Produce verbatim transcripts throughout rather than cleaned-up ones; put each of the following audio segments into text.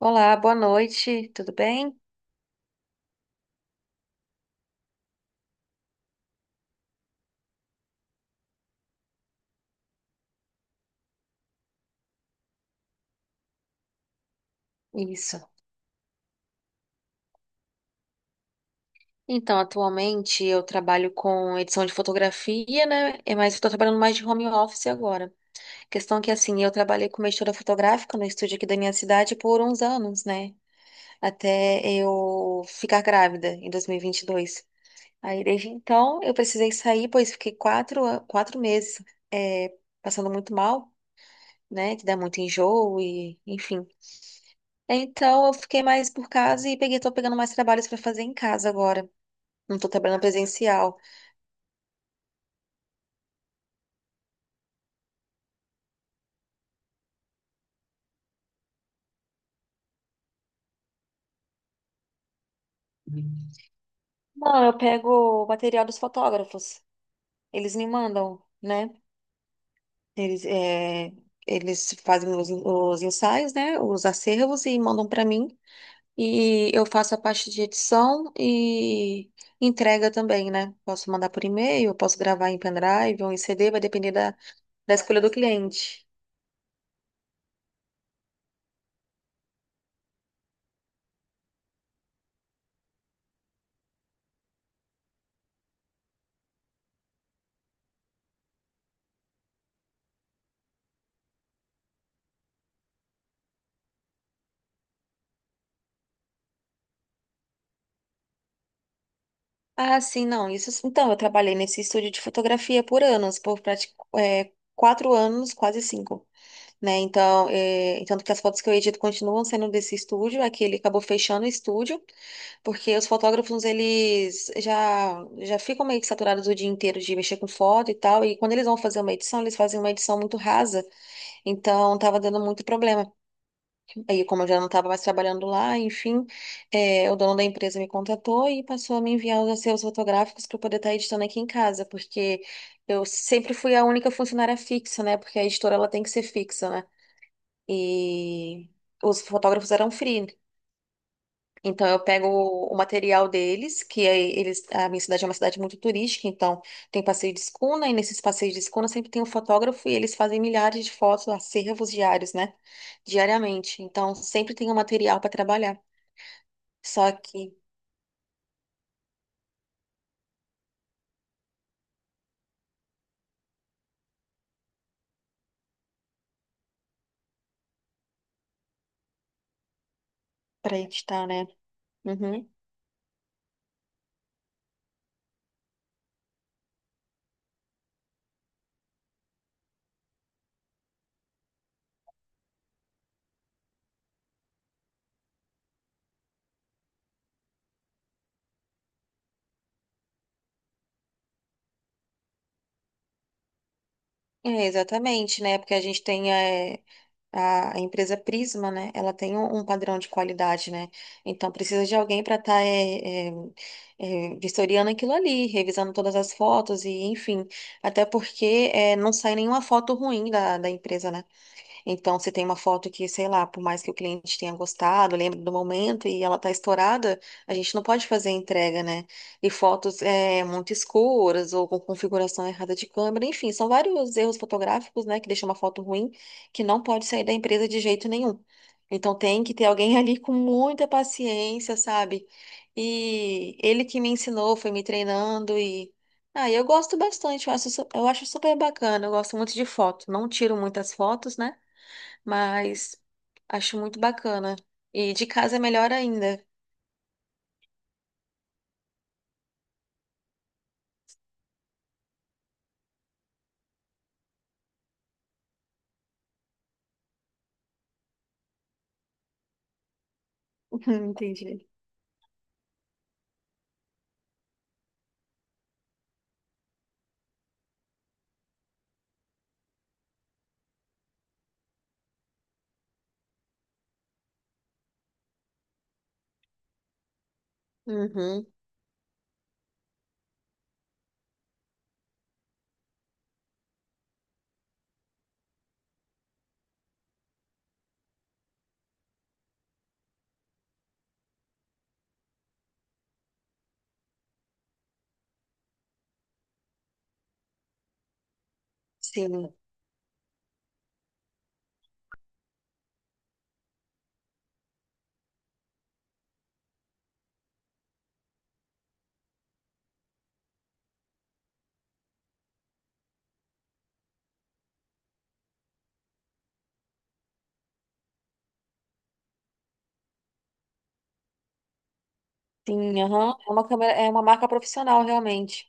Olá, boa noite, tudo bem? Isso. Então, atualmente eu trabalho com edição de fotografia, né? É, Mas estou trabalhando mais de home office agora. Questão que, assim, eu trabalhei como editora fotográfica no estúdio aqui da minha cidade por uns anos, né? Até eu ficar grávida em dois mil e vinte e dois. Aí, desde então, eu precisei sair, pois fiquei quatro, a- quatro meses, é, passando muito mal, né? Que dá muito enjoo e, enfim. Então eu fiquei mais por casa e peguei, tô pegando mais trabalhos pra fazer em casa agora. Não tô trabalhando presencial. Não, eu pego o material dos fotógrafos. Eles me mandam, né? Eles, é, eles fazem os, os ensaios, né? Os acervos e mandam pra mim. E eu faço a parte de edição e entrega também, né? Posso mandar por e-mail, eu posso gravar em pendrive ou em C D, vai depender da, da escolha do cliente. Ah, sim, não. Isso, então, eu trabalhei nesse estúdio de fotografia por anos, por prati- é, quatro anos, quase cinco, né? Então, é, tanto que as fotos que eu edito continuam sendo desse estúdio, é que ele acabou fechando o estúdio, porque os fotógrafos, eles já, já ficam meio que saturados o dia inteiro de mexer com foto e tal, e quando eles vão fazer uma edição, eles fazem uma edição muito rasa, então tava dando muito problema. Aí, como eu já não estava mais trabalhando lá, enfim, é, o dono da empresa me contatou e passou a me enviar os acervos fotográficos para eu poder estar editando aqui em casa, porque eu sempre fui a única funcionária fixa, né? Porque a editora ela tem que ser fixa, né? E os fotógrafos eram free, então eu pego o o material deles, que aí eles, a minha cidade é uma cidade muito turística, então tem passeio de escuna, e nesses passeios de escuna sempre tem um fotógrafo e eles fazem milhares de fotos, acervos diários, né? Diariamente. Então sempre tem um material para trabalhar. Só que para editar, né? Uhum. É, exatamente, né? Porque a gente tem. É, A, a empresa Prisma, né? Ela tem um, um padrão de qualidade, né? Então precisa de alguém para estar vistoriando aquilo ali, revisando todas as fotos e enfim. Até porque é, não sai nenhuma foto ruim da, da empresa, né? Então, se tem uma foto que, sei lá, por mais que o cliente tenha gostado, lembre do momento e ela tá estourada, a gente não pode fazer a entrega, né? E fotos é, muito escuras ou com configuração errada de câmera, enfim, são vários erros fotográficos, né, que deixam uma foto ruim que não pode sair da empresa de jeito nenhum. Então, tem que ter alguém ali com muita paciência, sabe? E ele que me ensinou, foi me treinando e. Ah, eu gosto bastante, eu acho, su- eu acho super bacana, eu gosto muito de foto. Não tiro muitas fotos, né? Mas acho muito bacana. E de casa é melhor ainda. Entendi. Uhum, sim. Sim, aham. É uma câmera, é uma marca profissional, realmente.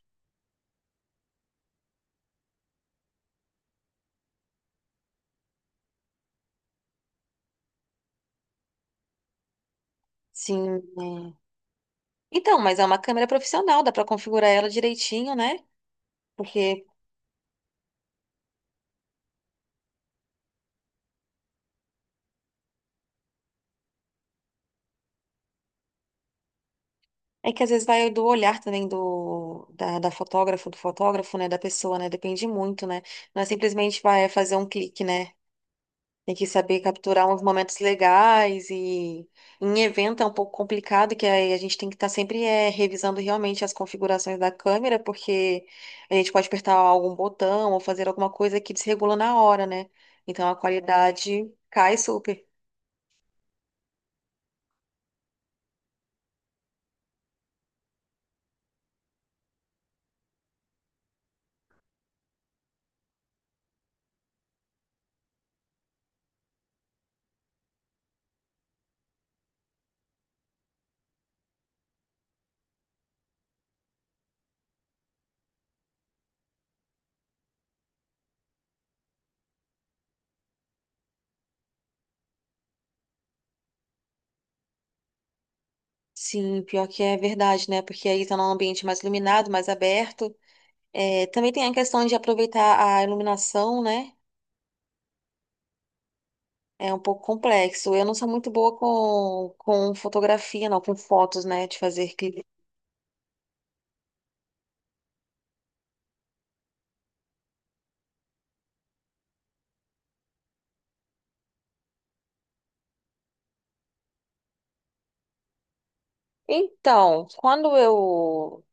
Sim. É. Então, mas é uma câmera profissional, dá pra configurar ela direitinho, né? Porque é que às vezes vai do olhar também do da, da fotógrafa, do fotógrafo, né? Da pessoa, né? Depende muito, né? Não é simplesmente vai fazer um clique, né? Tem que saber capturar uns momentos legais e em evento é um pouco complicado, que aí a gente tem que estar sempre é, revisando realmente as configurações da câmera, porque a gente pode apertar algum botão ou fazer alguma coisa que desregula na hora, né? Então a qualidade cai super. Sim, pior que é verdade, né? Porque aí tá num ambiente mais iluminado, mais aberto. É, também tem a questão de aproveitar a iluminação, né? É um pouco complexo. Eu não sou muito boa com, com fotografia, não, com fotos, né? De fazer. Então, quando eu,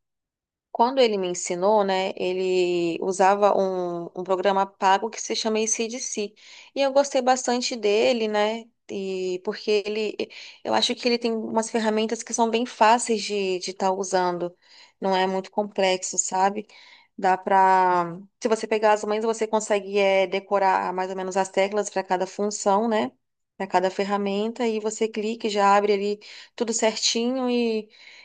quando ele me ensinou, né, ele usava um, um programa pago que se chama A C D C. E eu gostei bastante dele, né, e porque ele, eu acho que ele tem umas ferramentas que são bem fáceis de de estar usando. Não é muito complexo, sabe? Dá pra, se você pegar as mãos, você consegue é, decorar mais ou menos as teclas para cada função, né? Para cada ferramenta, e você clica e já abre ali tudo certinho,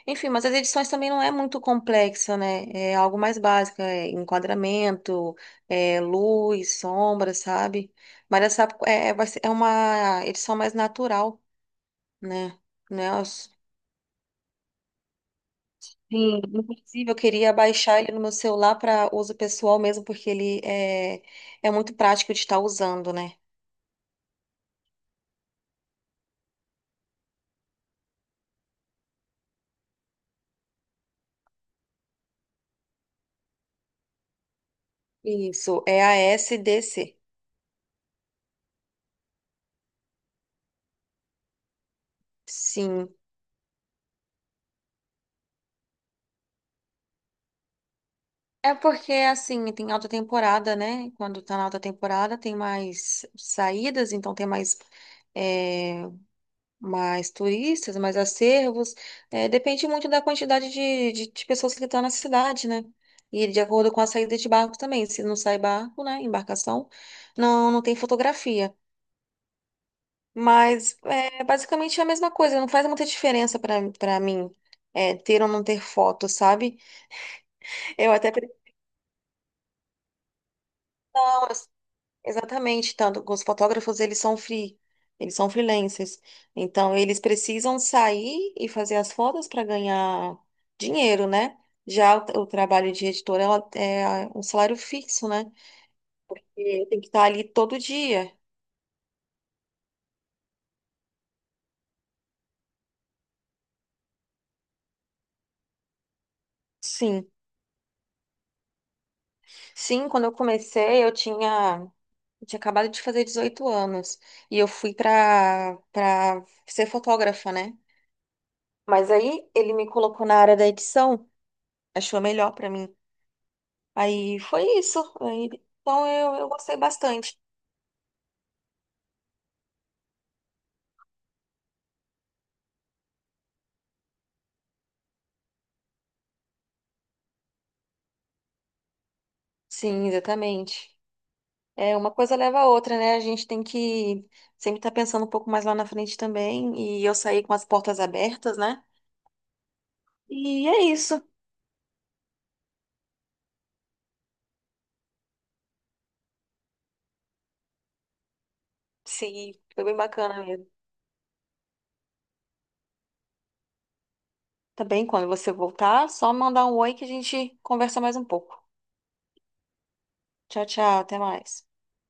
enfim, mas as edições também não é muito complexa, né? É algo mais básico, é enquadramento, é luz, sombra, sabe? Mas essa é, vai ser, é uma edição mais natural, né? Né? Os- Sim. Inclusive, eu queria baixar ele no meu celular para uso pessoal mesmo, porque ele é, é muito prático de estar usando, né? Isso, é a S D C. Sim. É porque, assim, tem alta temporada, né? Quando tá na alta temporada, tem mais saídas, então tem mais, é, mais turistas, mais acervos. É, depende muito da quantidade de, de, de pessoas que estão na cidade, né? E de acordo com a saída de barco também. Se não sai barco, né? Embarcação, não, não tem fotografia. Mas é basicamente é a mesma coisa, não faz muita diferença para para mim, é, ter ou não ter foto, sabe? Eu até prefiro. Exatamente, tanto que os fotógrafos eles são free, eles são freelancers. Então eles precisam sair e fazer as fotos para ganhar dinheiro, né? Já o, o trabalho de editora ela é um salário fixo, né? E tem que estar ali todo dia. Sim. Sim, quando eu comecei, eu tinha eu tinha acabado de fazer dezoito anos e eu fui para para ser fotógrafa, né? Mas aí ele me colocou na área da edição, achou melhor para mim. Aí foi isso. Aí, então eu, eu gostei bastante. Sim, exatamente. É, uma coisa leva a outra, né? A gente tem que sempre estar pensando um pouco mais lá na frente também. E eu saí com as portas abertas, né? E é isso. Sim, foi bem bacana mesmo. Também, quando você voltar, só mandar um oi que a gente conversa mais um pouco. Tchau, tchau, até mais.